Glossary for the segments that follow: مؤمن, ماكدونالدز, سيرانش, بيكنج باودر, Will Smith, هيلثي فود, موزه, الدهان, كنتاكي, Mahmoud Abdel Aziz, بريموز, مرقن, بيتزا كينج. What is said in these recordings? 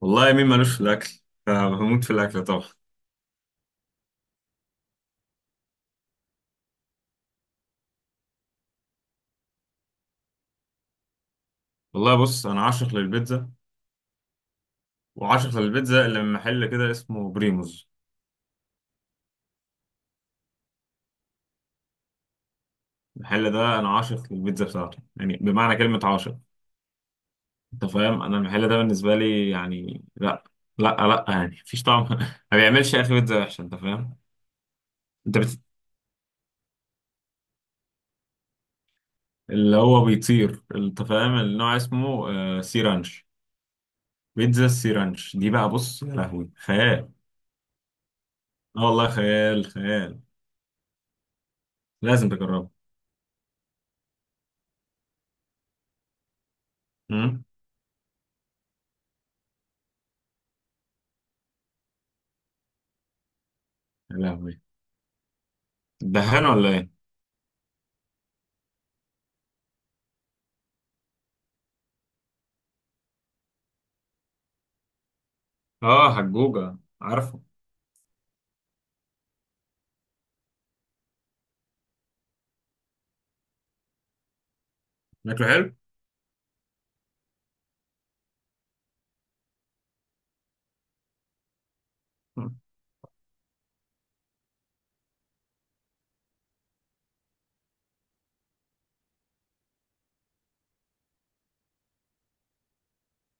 والله مين مالوش في الاكل؟ آه، بموت في الاكل طبعا. والله بص، انا عاشق للبيتزا. وعاشق للبيتزا اللي من محل كده اسمه بريموز. المحل ده انا عاشق للبيتزا بتاعته، يعني بمعنى كلمة عاشق. انت فاهم، انا المحل ده بالنسبة لي يعني لا، لا لا يعني مفيش طعم. ما بيعملش يا اخي بيتزا وحشة، انت فاهم. انت بت... اللي هو بيطير، انت فاهم، النوع اسمه سيرانش. بيتزا السيرانش دي بقى، بص، يا لهوي، خيال. اه والله، خيال خيال. لازم تجربها. أمم. يا لهوي، دهان ولا ايه؟ اه، حجوجة عارفه. شكله حلو؟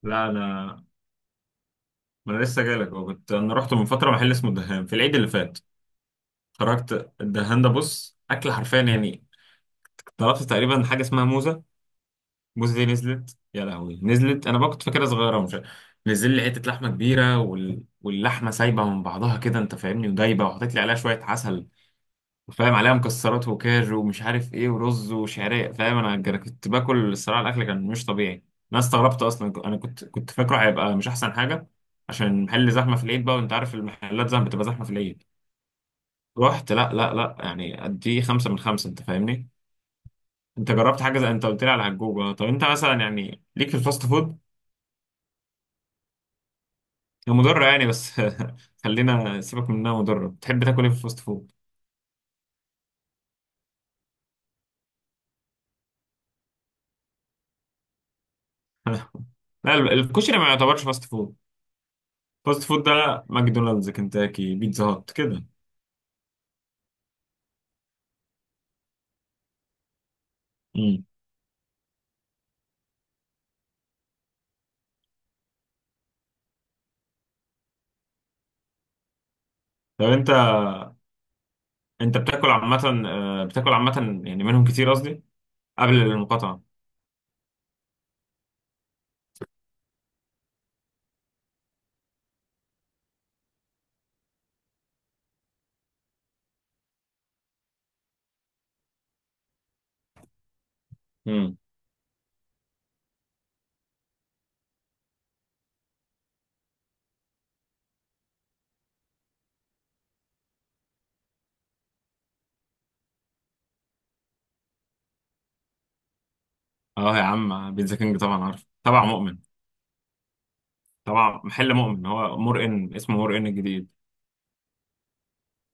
لا، ما انا لسه جايلك، اه كنت انا رحت من فتره محل اسمه الدهان في العيد اللي فات. خرجت الدهان ده، بص، اكل حرفيا يعني. طلبت تقريبا حاجه اسمها موزه. موزه دي نزلت، يا لهوي نزلت، انا بقى كنت فاكرها صغيره مش عارف. نزل لي حته لحمه كبيره، واللحمه سايبه من بعضها كده، انت فاهمني، ودايبه، وحطيت لي عليها شويه عسل. فاهم، عليها مكسرات وكاجو ومش عارف ايه ورز وشعريه، فاهم، أنا كنت باكل الصراحه، الاكل كان مش طبيعي. انا استغربت اصلا، انا كنت فاكره هيبقى مش احسن حاجه. عشان المحل زحمه في العيد بقى، وانت عارف المحلات زحمه، بتبقى زحمه في العيد. رحت، لا لا لا يعني، قد خمسه من خمسه، انت فاهمني. انت جربت حاجه زي انت قلت لي على هجوجه؟ طب انت مثلا يعني ليك في الفاست فود؟ هي مضره يعني، بس خلينا، سيبك من انها مضره، بتحب تاكل ايه في الفاست فود؟ لا، الكشري ما يعتبرش فاست فود. فاست فود ده ماكدونالدز، كنتاكي، بيتزا هات كده. امم. طب انت بتاكل عامة، بتاكل عامة يعني منهم كتير قصدي؟ قبل المقاطعة. امم. اه يا عم، بيتزا كينج طبعا عارف، تبع مؤمن. طبعا محل مؤمن، هو مرقن، اسمه مرقن الجديد.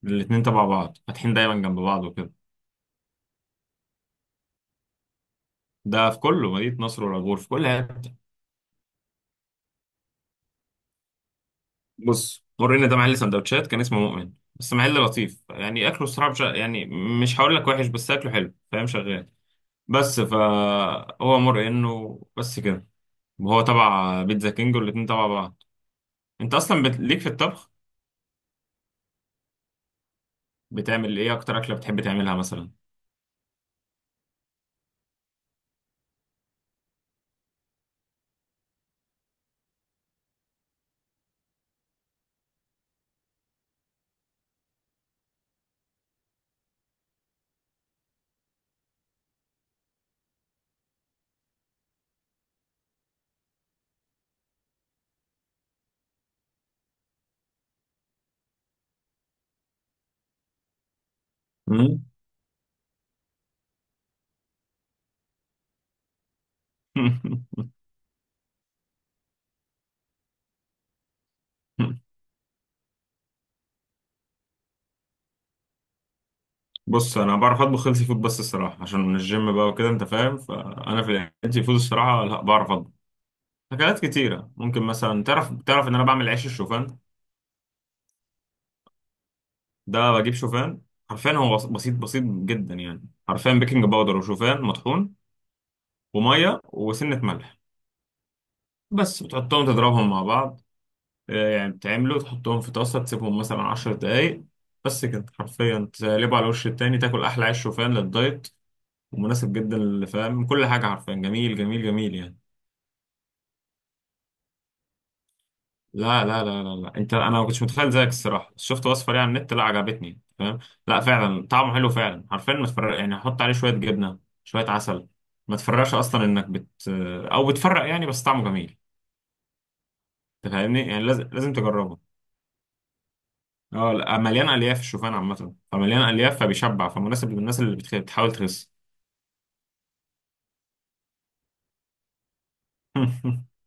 الاتنين تبع بعض، فاتحين دايما جنب بعض وكده. ده في كله مدينة نصر والعبور، في كل حتة. بص، مرقن ده محل سندوتشات كان اسمه مؤمن، بس محل لطيف يعني، اكله الصراحة يعني مش هقول لك وحش، بس اكله حلو فاهم، شغال. بس فهو مر انه بس كده. وهو تبع بيتزا كينج، والاتنين تبع بعض. انت اصلا ليك في الطبخ؟ بتعمل ايه، اكتر اكله بتحب تعملها مثلا؟ مم؟ بص انا بعرف اطبخ هيلثي فود، بس الصراحه عشان من الجيم بقى وكده انت فاهم، فانا في الهيلثي فود الصراحه لا، بعرف اطبخ اكلات كتيره. ممكن مثلا تعرف ان انا بعمل عيش الشوفان. ده بجيب شوفان، حرفيا هو بسيط بسيط جدا يعني، حرفيا بيكنج باودر وشوفان مطحون وميه وسنه ملح. بس بتحطهم، تضربهم مع بعض، يعني بتعملوا، تحطهم في طاسة، تسيبهم مثلا عشر دقايق. بس كده، حرفيا تقلبه على وش التاني، تاكل أحلى عيش شوفان للدايت، ومناسب جدا اللي فاهم كل حاجة، حرفيا جميل جميل جميل يعني. لا لا لا لا لا، انا ما كنتش متخيل زيك الصراحة، بس شفت وصفة ليه على النت لا، عجبتني فاهم. لا فعلا طعمه حلو فعلا، حرفيا ما تفرق يعني، حط عليه شوية جبنة، شوية عسل، ما تفرقش اصلا انك او بتفرق يعني، بس طعمه جميل. انت فاهمني، يعني لازم لازم تجربه. اه لا، مليان الياف، الشوفان عامه فمليان الياف، فبيشبع، فمناسب للناس اللي بتحاول تخس.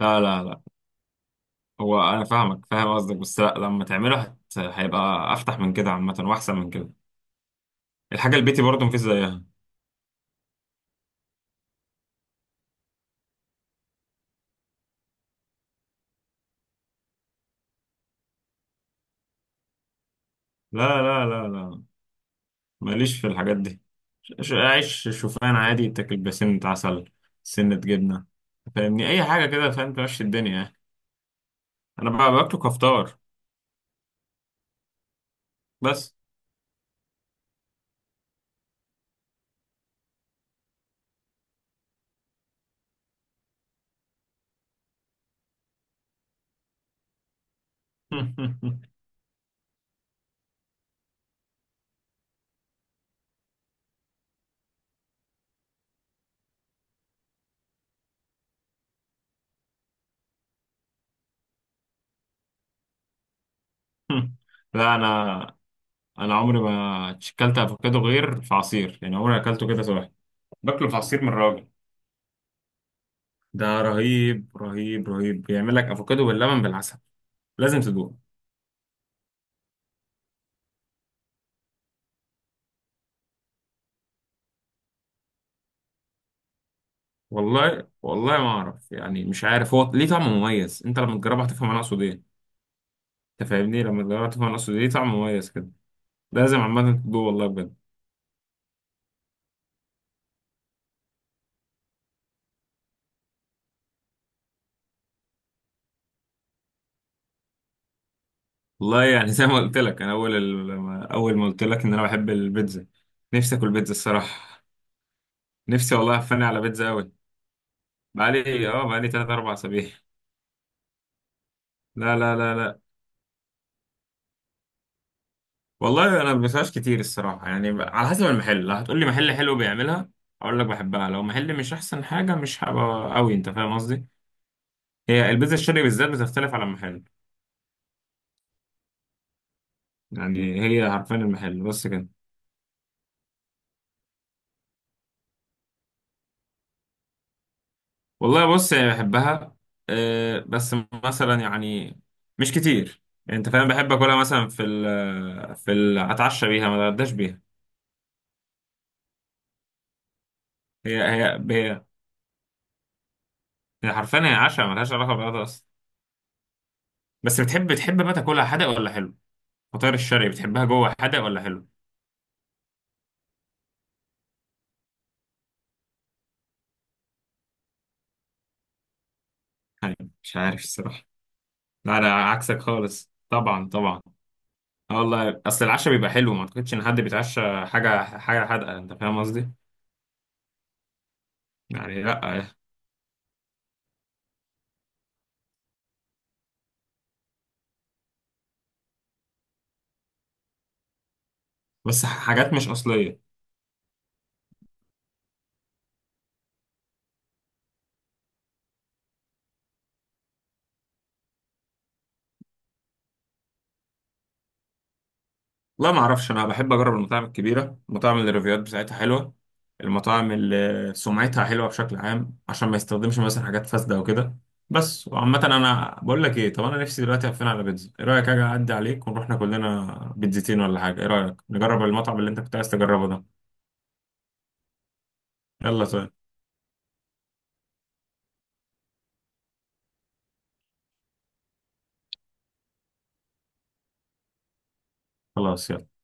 لا لا لا، هو انا فاهمك، فاهم قصدك، بس لا، لما تعمله هيبقى افتح من كده عامه، واحسن من كده. الحاجه البيتي برضه مفيش زيها. لا لا لا لا، ماليش في الحاجات دي. عيش شوفان عادي تاكل بسنة عسل، سنة جبنة، فاهمني، أي حاجة كده فاهم، تمشي الدنيا يعني. أنا بقى باكله كفطار بس. لا انا عمري ما اكلت افوكادو غير في عصير يعني، عمري ما اكلته كده صباحي. باكله في عصير من الراجل ده، رهيب رهيب رهيب، بيعمل لك افوكادو باللبن بالعسل، لازم تدوق. والله والله ما اعرف يعني، مش عارف، هو ليه طعم مميز، انت لما تجربه هتفهم انا اقصد ايه. انت فاهمني، لما تجربه هتفهم انا اقصد ايه، ليه طعم مميز كده. لازم عامه تدوق والله، بجد. والله يعني زي ما قلت لك، انا اول ما قلت لك ان انا بحب البيتزا. نفسي اكل بيتزا الصراحه. نفسي والله افني على بيتزا قوي. بقالي 3 4 اسابيع. لا لا لا لا، والله انا ما بسمعش كتير الصراحه يعني، على حسب المحل، لو هتقول لي محل حلو بيعملها اقول لك بحبها، لو محل مش احسن حاجه مش هبقى قوي، انت فاهم قصدي. هي البيتزا الشرقي بالذات بتختلف على المحل. يعني هي حرفيا المحل بس كده. والله بص يعني بحبها، أه بس مثلا يعني مش كتير يعني، انت فاهم، بحب اكلها مثلا في اتعشى بيها، ما اتغداش بيها. هي هي هي هي حرفيا هي عشاء، ملهاش علاقه بغدا اصلا. بس بتحب بقى تاكلها حادق ولا حلو، فطاير الشرقي بتحبها جوه حادق ولا حلو؟ يعني مش عارف الصراحة. لا أنا عكسك خالص، طبعا طبعا. اه والله أصل العشاء بيبقى حلو، ما أعتقدش إن حد بيتعشى حاجة حادقة، أنت فاهم قصدي؟ يعني لا. بس حاجات مش أصلية. لا، ما اعرفش، انا بحب اجرب المطاعم الكبيره، المطاعم اللي الريفيوات بتاعتها حلوه، المطاعم اللي سمعتها حلوه بشكل عام، عشان ما يستخدمش مثلا حاجات فاسده او كده. بس وعامه، انا بقول لك ايه، طب انا نفسي دلوقتي هفين على بيتزا، ايه رايك اجي اعدي عليك ونروح ناكل لنا بيتزتين ولا حاجه، ايه رايك نجرب المطعم اللي انت كنت عايز تجربه ده؟ يلا طيب. خلاص يلا.